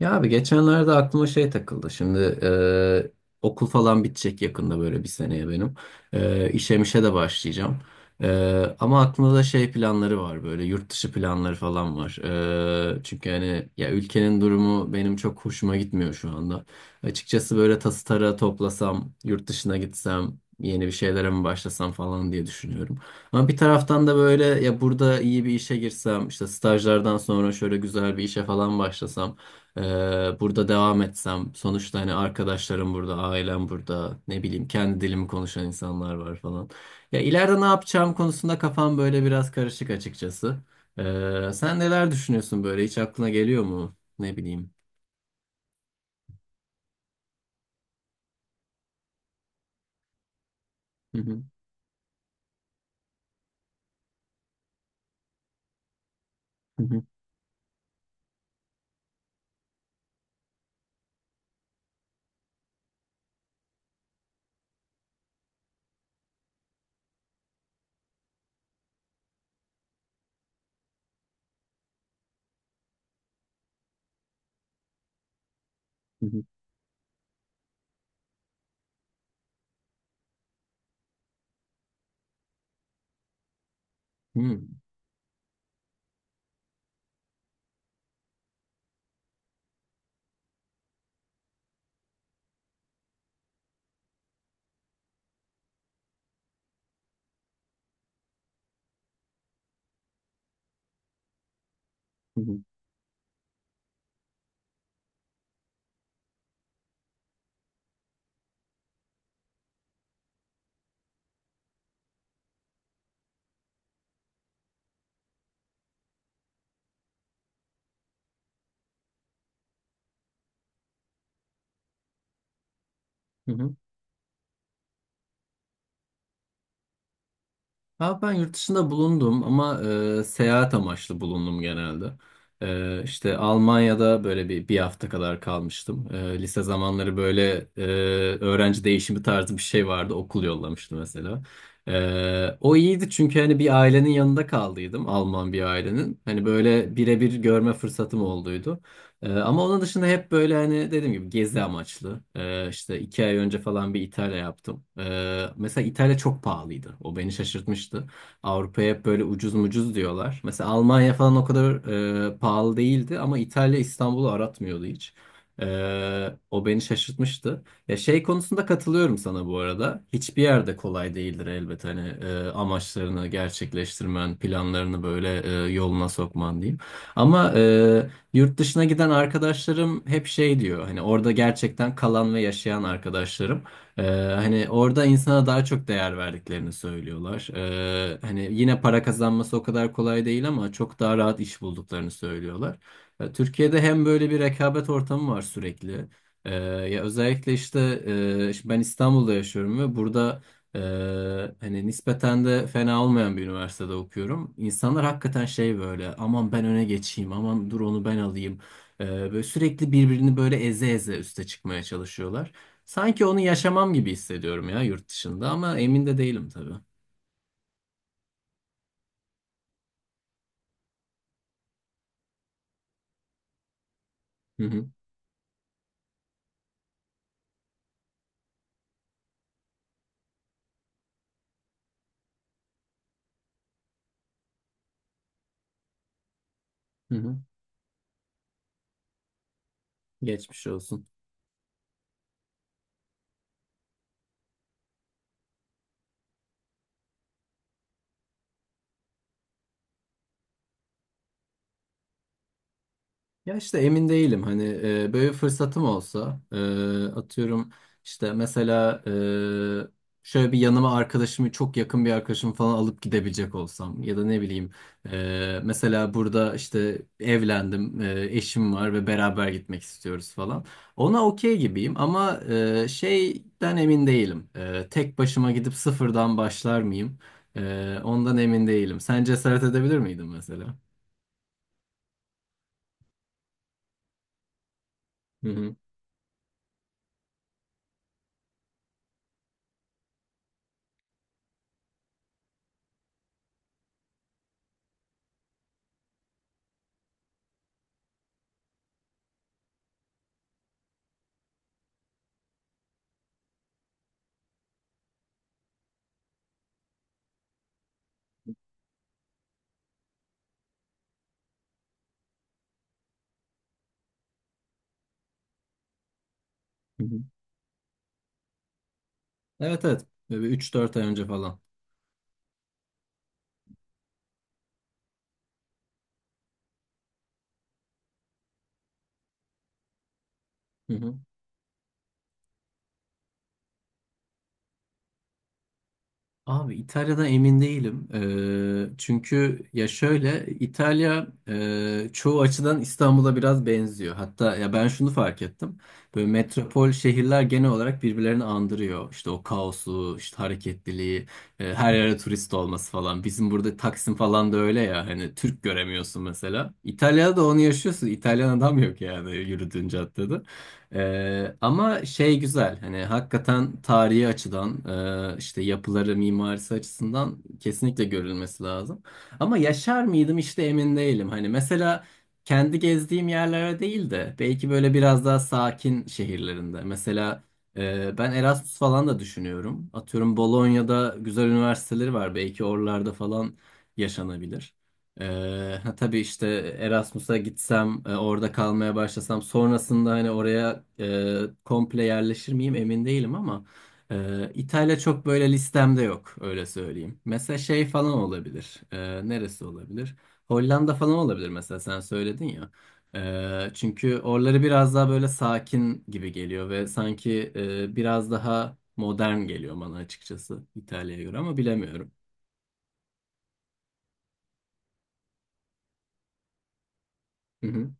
Ya abi geçenlerde aklıma şey takıldı. Şimdi okul falan bitecek yakında böyle bir seneye benim. E, işe mişe de başlayacağım. Ama aklımda da şey planları var böyle yurt dışı planları falan var. Çünkü hani ya ülkenin durumu benim çok hoşuma gitmiyor şu anda. Açıkçası böyle tası tarağı toplasam, yurt dışına gitsem, yeni bir şeylere mi başlasam falan diye düşünüyorum. Ama bir taraftan da böyle ya burada iyi bir işe girsem, işte stajlardan sonra şöyle güzel bir işe falan başlasam. Burada devam etsem sonuçta hani arkadaşlarım burada, ailem burada, ne bileyim kendi dilimi konuşan insanlar var falan. Ya ileride ne yapacağım konusunda kafam böyle biraz karışık açıkçası. Sen neler düşünüyorsun böyle hiç aklına geliyor mu? Ne bileyim. Hı hı, hı hı, hı hı, hı hı, hı hı, hı hı. Ha, ben yurt dışında bulundum ama seyahat amaçlı bulundum genelde. E, işte Almanya'da böyle bir hafta kadar kalmıştım. Lise zamanları böyle öğrenci değişimi tarzı bir şey vardı. Okul yollamıştı mesela. O iyiydi çünkü hani bir ailenin yanında kaldıydım. Alman bir ailenin. Hani böyle birebir görme fırsatım olduydu. Ama onun dışında hep böyle hani dediğim gibi gezi amaçlı. İşte 2 ay önce falan bir İtalya yaptım. Mesela İtalya çok pahalıydı. O beni şaşırtmıştı. Avrupa'ya hep böyle ucuz mucuz diyorlar. Mesela Almanya falan o kadar pahalı değildi ama İtalya İstanbul'u aratmıyordu hiç. O beni şaşırtmıştı. Ya şey konusunda katılıyorum sana bu arada. Hiçbir yerde kolay değildir elbet hani amaçlarını gerçekleştirmen, planlarını böyle yoluna sokman diyeyim. Ama yurt dışına giden arkadaşlarım hep şey diyor hani orada gerçekten kalan ve yaşayan arkadaşlarım. Ee, hani orada insana daha çok değer verdiklerini söylüyorlar. Hani yine para kazanması o kadar kolay değil ama çok daha rahat iş bulduklarını söylüyorlar. Türkiye'de hem böyle bir rekabet ortamı var sürekli. Ya özellikle işte şimdi ben İstanbul'da yaşıyorum ve burada hani nispeten de fena olmayan bir üniversitede okuyorum. İnsanlar hakikaten şey böyle aman ben öne geçeyim aman dur onu ben alayım. Böyle sürekli birbirini böyle eze eze üste çıkmaya çalışıyorlar. Sanki onu yaşamam gibi hissediyorum ya yurt dışında ama emin de değilim tabii. Hı hı, hı hı. Geçmiş olsun. Ya işte emin değilim hani böyle bir fırsatım olsa atıyorum işte mesela şöyle bir yanıma çok yakın bir arkadaşımı falan alıp gidebilecek olsam ya da ne bileyim mesela burada işte evlendim, eşim var ve beraber gitmek istiyoruz falan ona okey gibiyim ama şeyden emin değilim. Tek başıma gidip sıfırdan başlar mıyım. Ondan emin değilim sen cesaret edebilir miydin mesela? Hı hı. Evet evet. Böyle 3-4 ay önce falan. Hı hı. Abi İtalya'da emin değilim. Çünkü ya şöyle İtalya çoğu açıdan İstanbul'a biraz benziyor. Hatta ya ben şunu fark ettim. Böyle metropol şehirler genel olarak birbirlerini andırıyor. İşte o kaosu, işte hareketliliği, her yere turist olması falan. Bizim burada Taksim falan da öyle ya. Hani Türk göremiyorsun mesela. İtalya'da da onu yaşıyorsun. İtalyan adam yok yani yürüdüğün caddede. Ama şey güzel hani hakikaten tarihi açıdan işte yapıları mimarisi açısından kesinlikle görülmesi lazım. Ama yaşar mıydım işte emin değilim. Hani mesela kendi gezdiğim yerlere değil de belki böyle biraz daha sakin şehirlerinde. Mesela ben Erasmus falan da düşünüyorum. Atıyorum Bolonya'da güzel üniversiteleri var belki oralarda falan yaşanabilir. Ha, tabii işte Erasmus'a gitsem, orada kalmaya başlasam, sonrasında hani oraya komple yerleşir miyim emin değilim ama İtalya çok böyle listemde yok öyle söyleyeyim. Mesela şey falan olabilir. Neresi olabilir? Hollanda falan olabilir mesela sen söyledin ya. Çünkü oraları biraz daha böyle sakin gibi geliyor ve sanki biraz daha modern geliyor bana açıkçası İtalya'ya göre ama bilemiyorum. Hı hı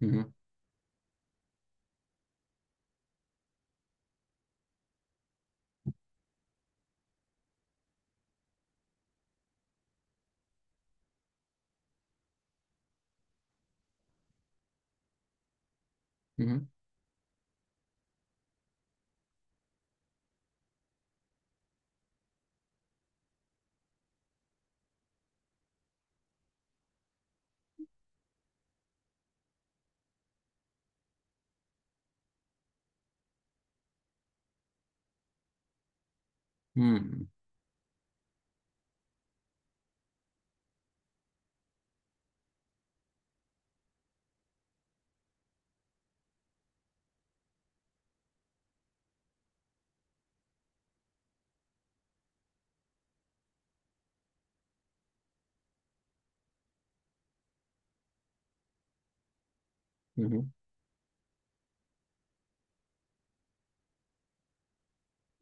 hı hı hı hı. Hı hı.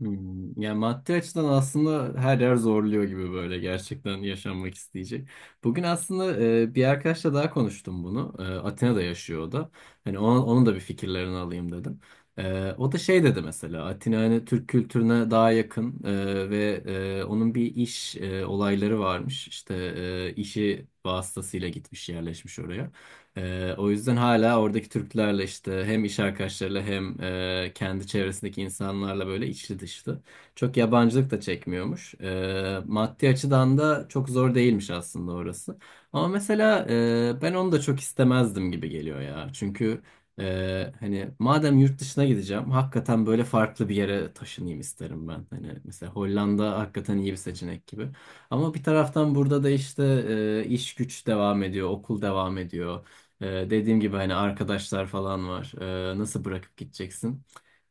Hmm, yani maddi açıdan aslında her yer zorluyor gibi böyle gerçekten yaşanmak isteyecek. Bugün aslında bir arkadaşla daha konuştum bunu. Atina'da yaşıyor o da. Hani onun da bir fikirlerini alayım dedim. O da şey dedi mesela Atina hani Türk kültürüne daha yakın ve onun bir iş olayları varmış. İşte işi vasıtasıyla gitmiş yerleşmiş oraya. O yüzden hala oradaki Türklerle işte hem iş arkadaşlarıyla hem kendi çevresindeki insanlarla böyle içli dışlı. Çok yabancılık da çekmiyormuş. Maddi açıdan da çok zor değilmiş aslında orası. Ama mesela ben onu da çok istemezdim gibi geliyor ya. Çünkü hani madem yurt dışına gideceğim hakikaten böyle farklı bir yere taşınayım isterim ben. Hani mesela Hollanda hakikaten iyi bir seçenek gibi. Ama bir taraftan burada da işte iş güç devam ediyor, okul devam ediyor. Dediğim gibi hani arkadaşlar falan var. Nasıl bırakıp gideceksin?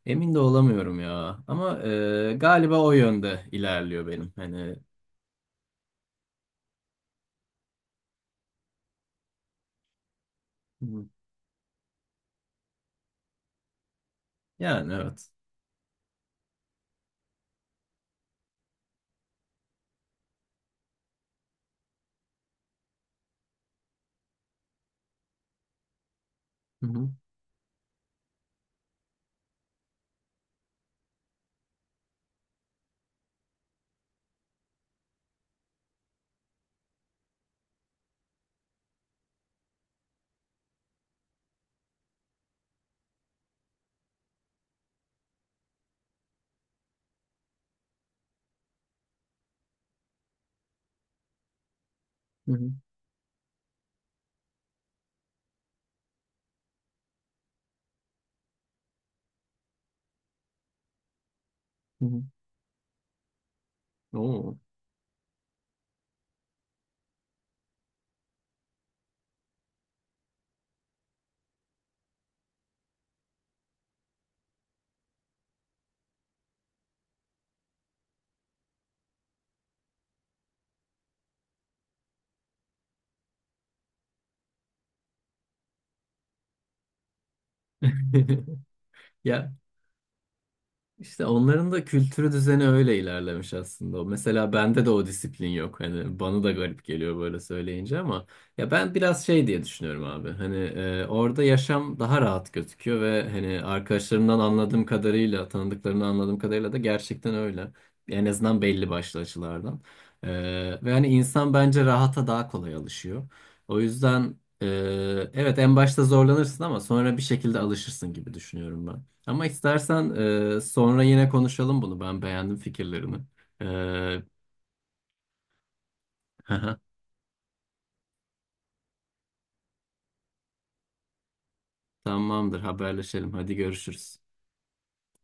Emin de olamıyorum ya. Ama galiba o yönde ilerliyor benim. Hani. Hı hı. Yani evet. Hı hı, hı hı, hı hı. Oo. Ya İşte onların da kültürü düzeni öyle ilerlemiş aslında. Mesela bende de o disiplin yok. Hani bana da garip geliyor böyle söyleyince ama ya ben biraz şey diye düşünüyorum abi. Hani orada yaşam daha rahat gözüküyor ve hani arkadaşlarımdan anladığım kadarıyla, tanıdıklarımdan anladığım kadarıyla da gerçekten öyle. En azından belli başlı açılardan. E, ve hani insan bence rahata daha kolay alışıyor. O yüzden evet en başta zorlanırsın ama sonra bir şekilde alışırsın gibi düşünüyorum ben. Ama istersen sonra yine konuşalım bunu. Ben beğendim fikirlerini. E, Tamamdır, haberleşelim. Hadi görüşürüz.